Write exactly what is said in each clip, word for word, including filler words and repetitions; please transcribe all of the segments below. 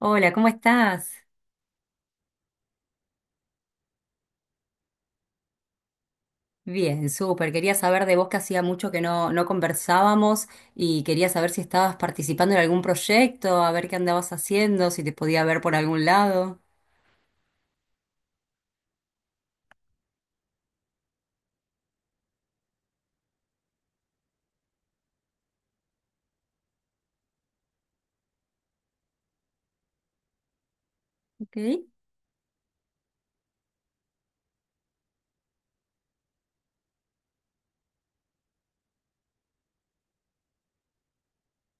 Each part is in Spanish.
Hola, ¿cómo estás? Bien, súper. Quería saber de vos que hacía mucho que no, no conversábamos y quería saber si estabas participando en algún proyecto, a ver qué andabas haciendo, si te podía ver por algún lado. Ok,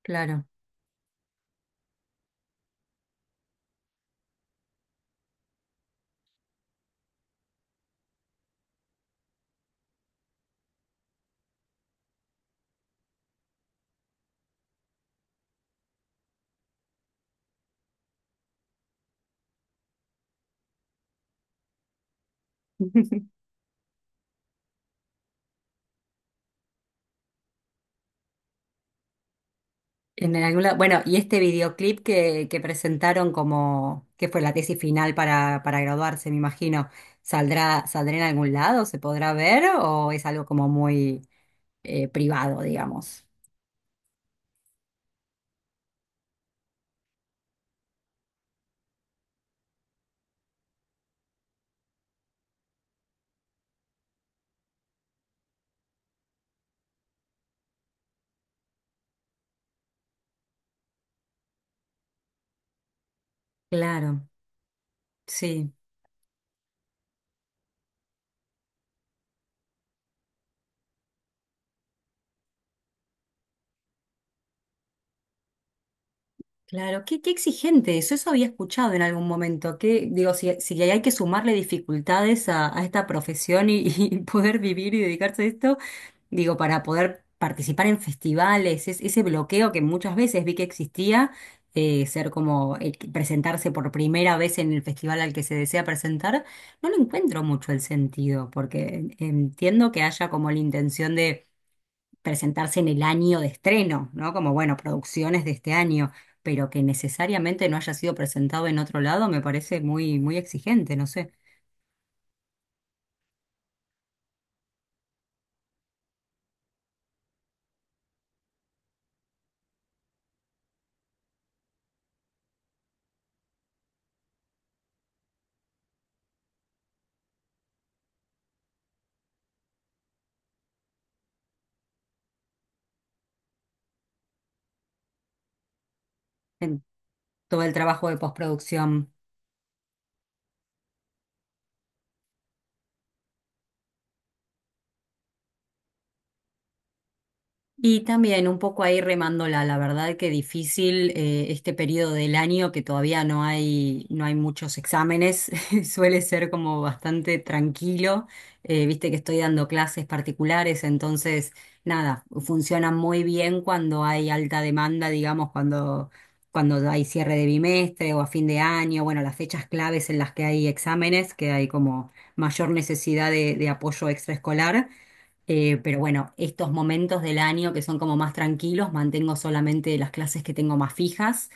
claro. En algún lado. Bueno, y este videoclip que, que presentaron como que fue la tesis final para, para graduarse, me imagino, ¿saldrá, saldrá en algún lado? ¿Se podrá ver? ¿O es algo como muy eh, privado, digamos? Claro, sí. Claro, qué, qué exigente eso, eso había escuchado en algún momento, que digo, si, si hay que sumarle dificultades a, a esta profesión y, y poder vivir y dedicarse a esto, digo, para poder participar en festivales, es- ese bloqueo que muchas veces vi que existía, eh, ser como eh, que presentarse por primera vez en el festival al que se desea presentar, no lo encuentro mucho el sentido, porque entiendo que haya como la intención de presentarse en el año de estreno, ¿no? Como, bueno, producciones de este año, pero que necesariamente no haya sido presentado en otro lado, me parece muy, muy exigente, no sé, en todo el trabajo de postproducción. Y también un poco ahí remándola, la verdad que difícil eh, este periodo del año que todavía no hay, no hay muchos exámenes, suele ser como bastante tranquilo. Eh, viste que estoy dando clases particulares, entonces nada, funciona muy bien cuando hay alta demanda, digamos, cuando, cuando hay cierre de bimestre o a fin de año, bueno, las fechas claves en las que hay exámenes, que hay como mayor necesidad de de apoyo extraescolar. Eh, pero bueno, estos momentos del año que son como más tranquilos, mantengo solamente las clases que tengo más fijas,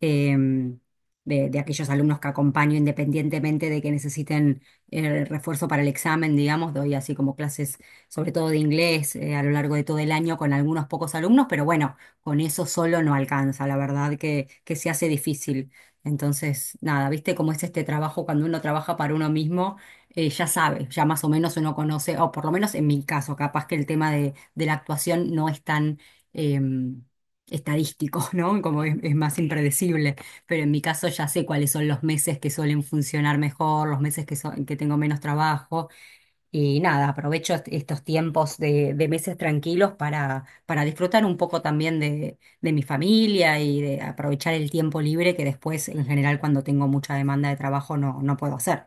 em, de, de aquellos alumnos que acompaño independientemente de que necesiten eh, refuerzo para el examen, digamos, doy así como clases sobre todo de inglés eh, a lo largo de todo el año con algunos pocos alumnos, pero bueno, con eso solo no alcanza, la verdad que, que se hace difícil. Entonces, nada, ¿viste cómo es este trabajo cuando uno trabaja para uno mismo? Eh, ya sabe, ya más o menos uno conoce, o por lo menos en mi caso, capaz que el tema de, de la actuación no es tan, em, estadístico, ¿no? Como es, es más impredecible, pero en mi caso ya sé cuáles son los meses que suelen funcionar mejor, los meses que, so- que tengo menos trabajo y nada, aprovecho est- estos tiempos de, de meses tranquilos para, para disfrutar un poco también de, de mi familia y de aprovechar el tiempo libre que después en general cuando tengo mucha demanda de trabajo no, no puedo hacer.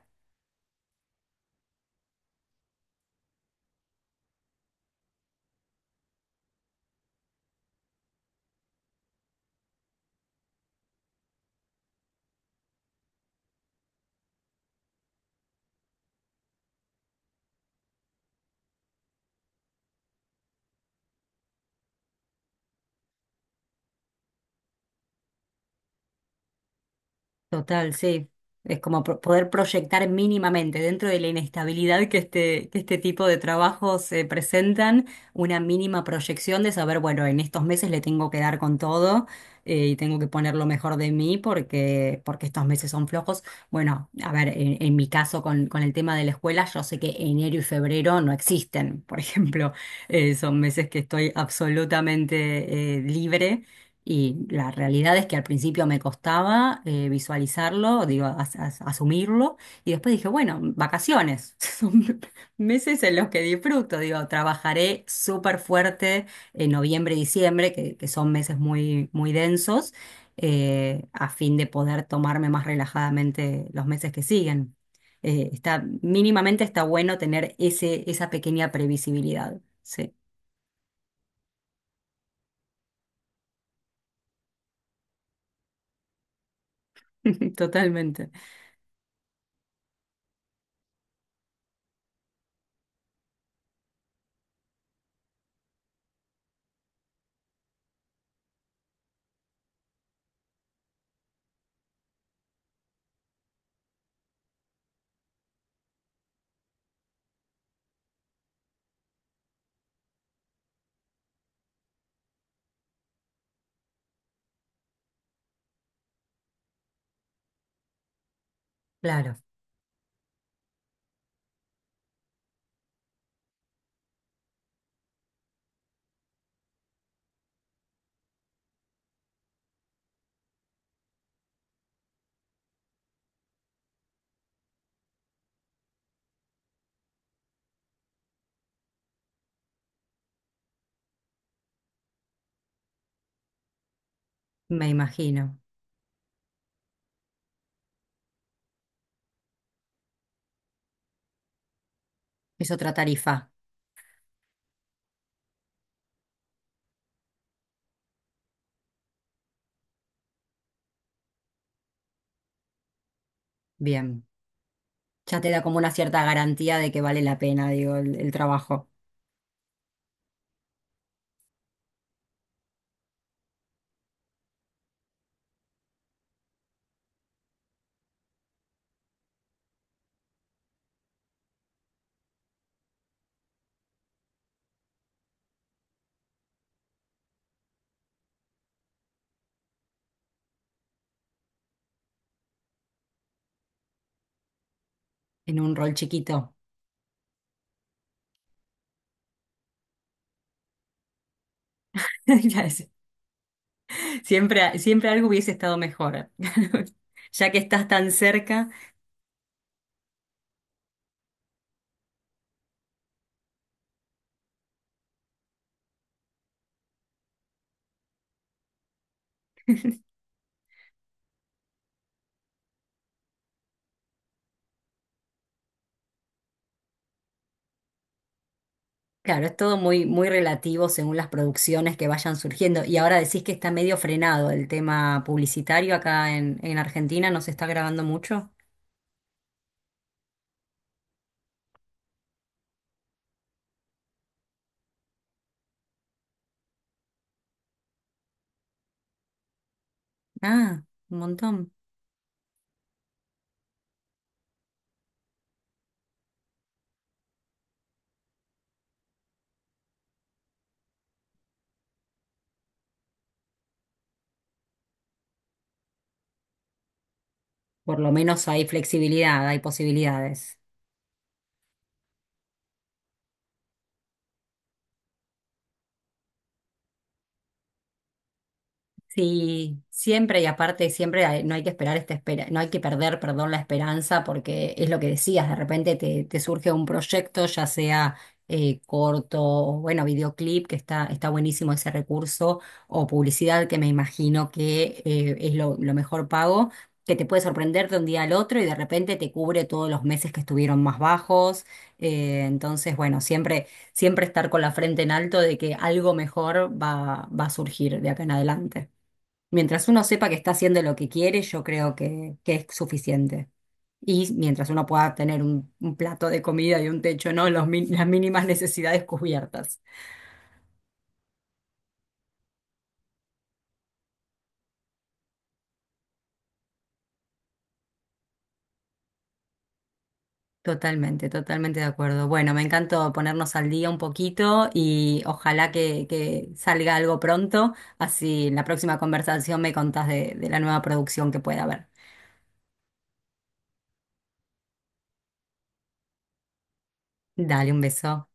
Total, sí. Es como pro- poder proyectar mínimamente dentro de la inestabilidad que este, que este tipo de trabajos se presentan, una mínima proyección de saber, bueno, en estos meses le tengo que dar con todo eh, y tengo que poner lo mejor de mí porque, porque estos meses son flojos. Bueno, a ver, en, en mi caso con, con el tema de la escuela, yo sé que enero y febrero no existen, por ejemplo. Eh, son meses que estoy absolutamente eh, libre y la realidad es que al principio me costaba eh, visualizarlo, digo, as- as- asumirlo, y después dije, bueno, vacaciones, son meses en los que disfruto, digo, trabajaré súper fuerte en noviembre y diciembre, que, que son meses muy, muy densos, eh, a fin de poder tomarme más relajadamente los meses que siguen. Eh, está, mínimamente está bueno tener ese, esa pequeña previsibilidad, sí, totalmente, claro, me imagino. Es otra tarifa. Bien. Ya te da como una cierta garantía de que vale la pena, digo, el, el trabajo en un rol chiquito. Ya es- Siempre, siempre algo hubiese estado mejor. Ya que estás tan cerca, claro, es todo muy, muy relativo según las producciones que vayan surgiendo. Y ahora decís que está medio frenado el tema publicitario acá en, en Argentina, ¿no se está grabando mucho? Ah, un montón. Por lo menos hay flexibilidad, hay posibilidades. Sí, siempre y aparte siempre hay- no hay que esperar esta espera, no hay que perder, perdón, la esperanza porque es lo que decías, de repente te, te surge un proyecto, ya sea eh, corto o bueno, videoclip, que está, está buenísimo ese recurso, o publicidad, que me imagino que eh, es lo, lo mejor pago, que te puede sorprender de un día al otro y de repente te cubre todos los meses que estuvieron más bajos. Eh, entonces, bueno, siempre, siempre estar con la frente en alto de que algo mejor va, va a surgir de acá en adelante. Mientras uno sepa que está haciendo lo que quiere, yo creo que, que es suficiente. Y mientras uno pueda tener un, un plato de comida y un techo, ¿no? Los mi- las mínimas necesidades cubiertas. Totalmente, totalmente de acuerdo. Bueno, me encantó ponernos al día un poquito y ojalá que, que salga algo pronto. Así en la próxima conversación me contás de, de la nueva producción que pueda haber. Dale un beso.